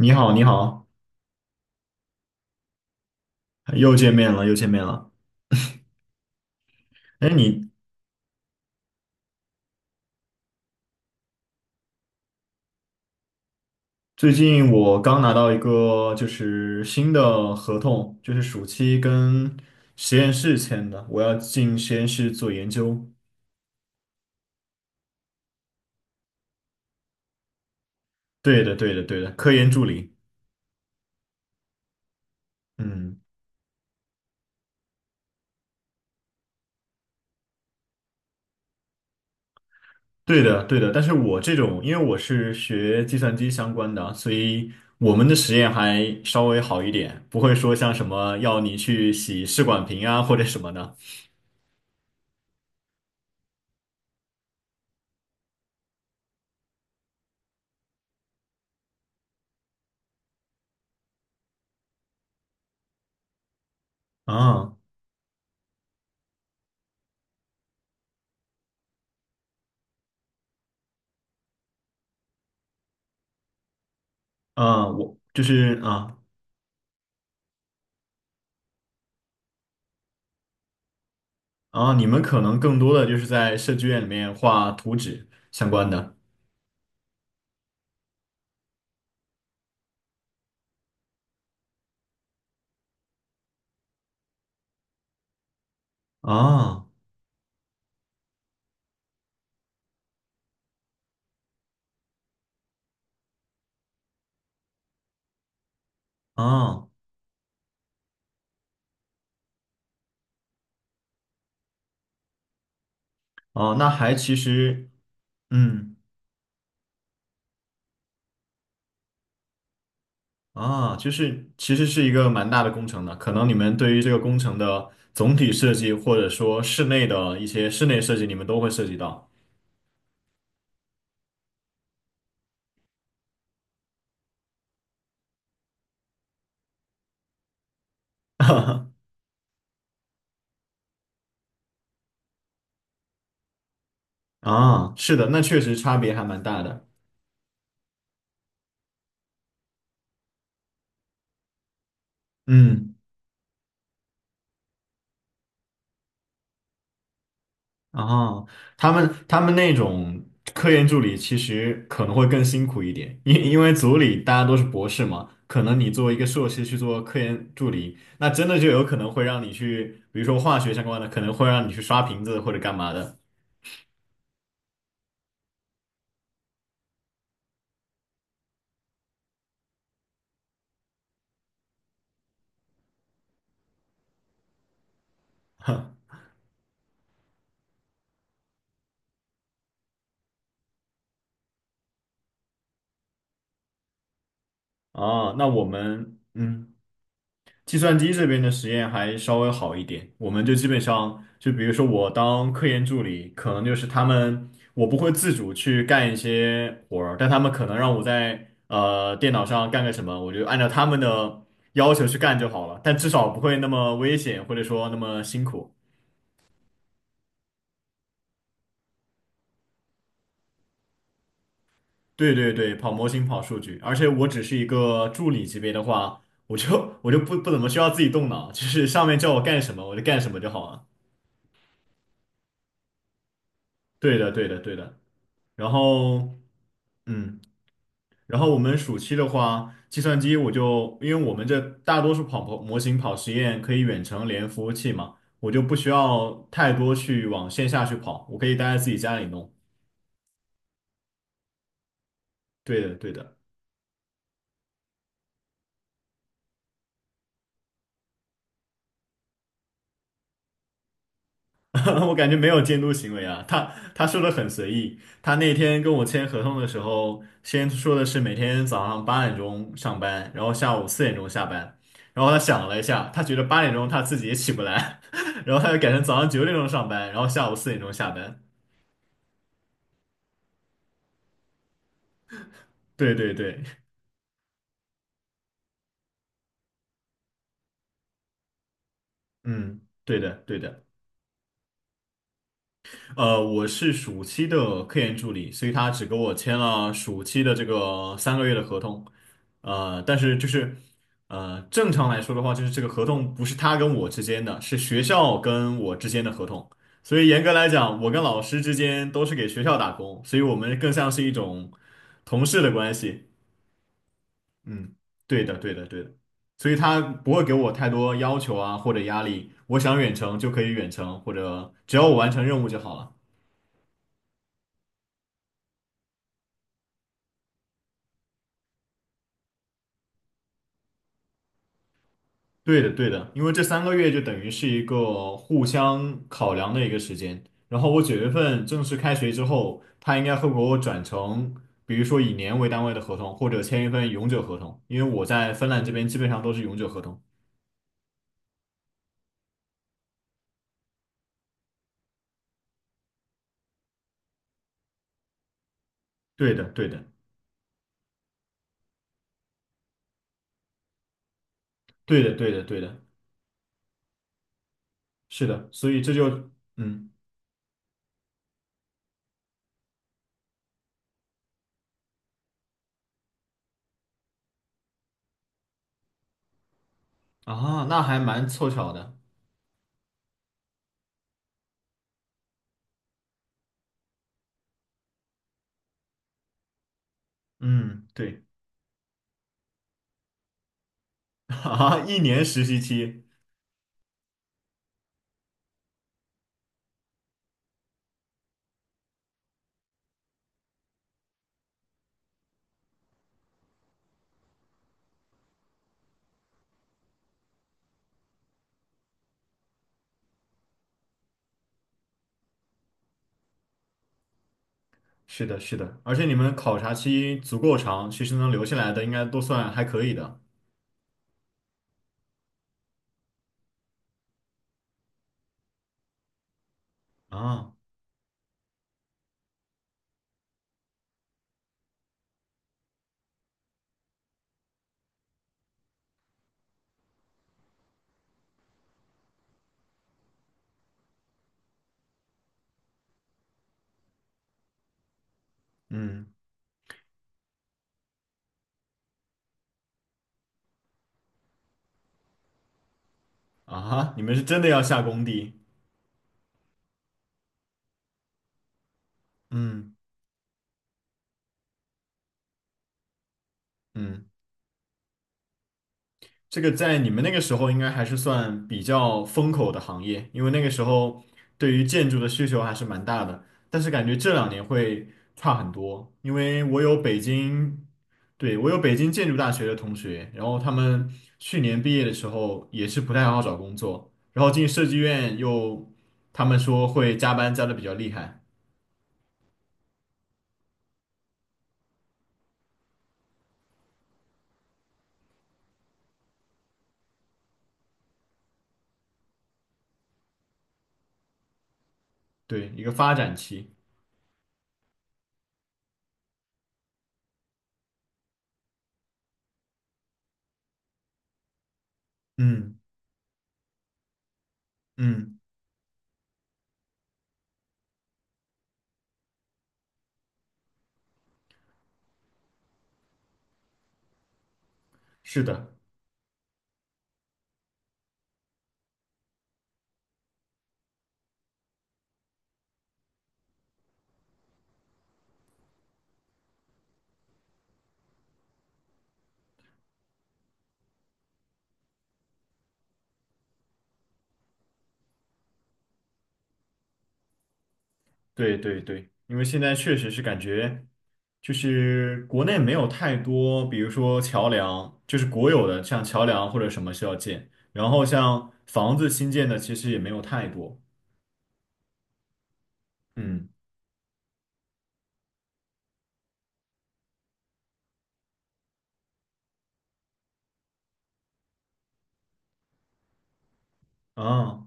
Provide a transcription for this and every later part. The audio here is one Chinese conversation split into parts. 你好，你好。又见面了，又见面了。哎，最近我刚拿到一个就是新的合同，就是暑期跟实验室签的，我要进实验室做研究。对的，对的，对的，科研助理。嗯，对的，对的。但是我这种，因为我是学计算机相关的，所以我们的实验还稍微好一点，不会说像什么要你去洗试管瓶啊或者什么的。啊啊，我就是啊。啊，你们可能更多的就是在设计院里面画图纸相关的。啊啊啊，那还其实，嗯啊，就是其实是一个蛮大的工程的。可能你们对于这个工程的总体设计，或者说室内的一些室内设计，你们都会涉及到。啊，是的，那确实差别还蛮大的。嗯。啊，他们那种科研助理其实可能会更辛苦一点，因为组里大家都是博士嘛，可能你作为一个硕士去做科研助理，那真的就有可能会让你去，比如说化学相关的，可能会让你去刷瓶子或者干嘛的。哦，那我们嗯。计算机这边的实验还稍微好一点，我们就基本上就比如说我当科研助理，可能就是他们我不会自主去干一些活儿，但他们可能让我在电脑上干个什么，我就按照他们的要求去干就好了，但至少不会那么危险或者说那么辛苦。对对对，跑模型跑数据，而且我只是一个助理级别的话，我就不怎么需要自己动脑，就是上面叫我干什么我就干什么就好了。对的对的对的，然后。嗯，然后我们暑期的话，计算机我就，因为我们这大多数跑模型跑实验可以远程连服务器嘛，我就不需要太多去往线下去跑，我可以待在自己家里弄。对的，对的。我感觉没有监督行为啊，他说的很随意，他那天跟我签合同的时候，先说的是每天早上八点钟上班，然后下午四点钟下班，然后他想了一下，他觉得八点钟他自己也起不来，然后他就改成早上九点钟上班，然后下午四点钟下班。对对对，嗯，对的对的。我是暑期的科研助理，所以他只给我签了暑期的这个三个月的合同。呃，但是就是呃，正常来说的话，就是这个合同不是他跟我之间的，是学校跟我之间的合同，所以严格来讲，我跟老师之间都是给学校打工，所以我们更像是一种同事的关系。嗯，对的，对的，对的。所以他不会给我太多要求啊，或者压力。我想远程就可以远程，或者只要我完成任务就好了。对的，对的，因为这三个月就等于是一个互相考量的一个时间。然后我九月份正式开学之后，他应该会给我转成，比如说以年为单位的合同，或者签一份永久合同，因为我在芬兰这边基本上都是永久合同。对的，对的，对的，对的，对的，是的，所以这就嗯。啊，那还蛮凑巧的。嗯，对。啊，一年实习期，是的，是的，而且你们考察期足够长，其实能留下来的应该都算还可以的。啊，嗯。啊哈你们是真的要下工地，嗯嗯。这个在你们那个时候应该还是算比较风口的行业，因为那个时候对于建筑的需求还是蛮大的。但是感觉这两年会差很多，因为我有北京，对，我有北京建筑大学的同学，然后他们去年毕业的时候也是不太好找工作，然后进设计院又，他们说会加班加的比较厉害，对，一个发展期。嗯嗯，是的。对对对，因为现在确实是感觉，就是国内没有太多，比如说桥梁，就是国有的，像桥梁或者什么需要建，然后像房子新建的其实也没有太多。嗯，啊，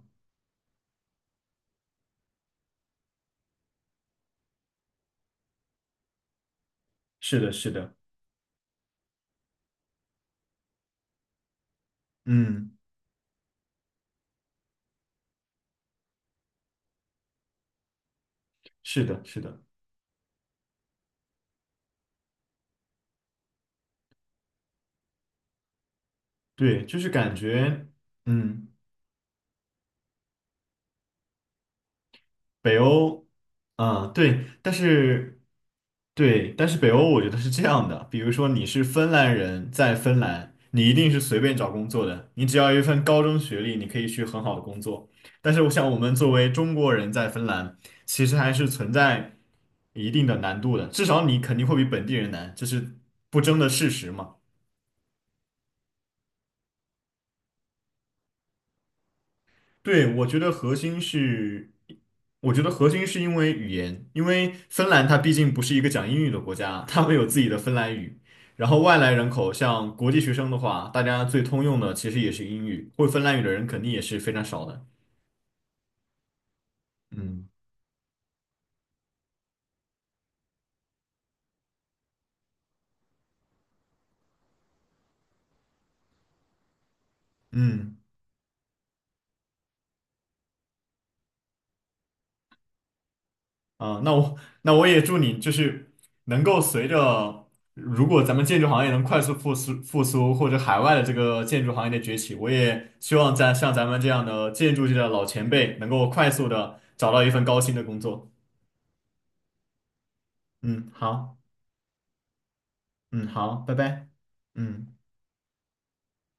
是的，是的，嗯，是的，是的，对，就是感觉，嗯。北欧，啊、对，但是，对，但是北欧我觉得是这样的，比如说你是芬兰人，在芬兰，你一定是随便找工作的，你只要有一份高中学历，你可以去很好的工作。但是我想，我们作为中国人在芬兰，其实还是存在一定的难度的，至少你肯定会比本地人难，这是不争的事实嘛。对，我觉得核心是，我觉得核心是因为语言，因为芬兰它毕竟不是一个讲英语的国家，他们有自己的芬兰语。然后外来人口，像国际学生的话，大家最通用的其实也是英语，会芬兰语的人肯定也是非常少的。嗯。嗯。啊，那我那我也祝你就是能够随着，如果咱们建筑行业能快速复苏，或者海外的这个建筑行业的崛起，我也希望咱像咱们这样的建筑界的老前辈，能够快速的找到一份高薪的工作。嗯，好，嗯，好，拜拜，嗯。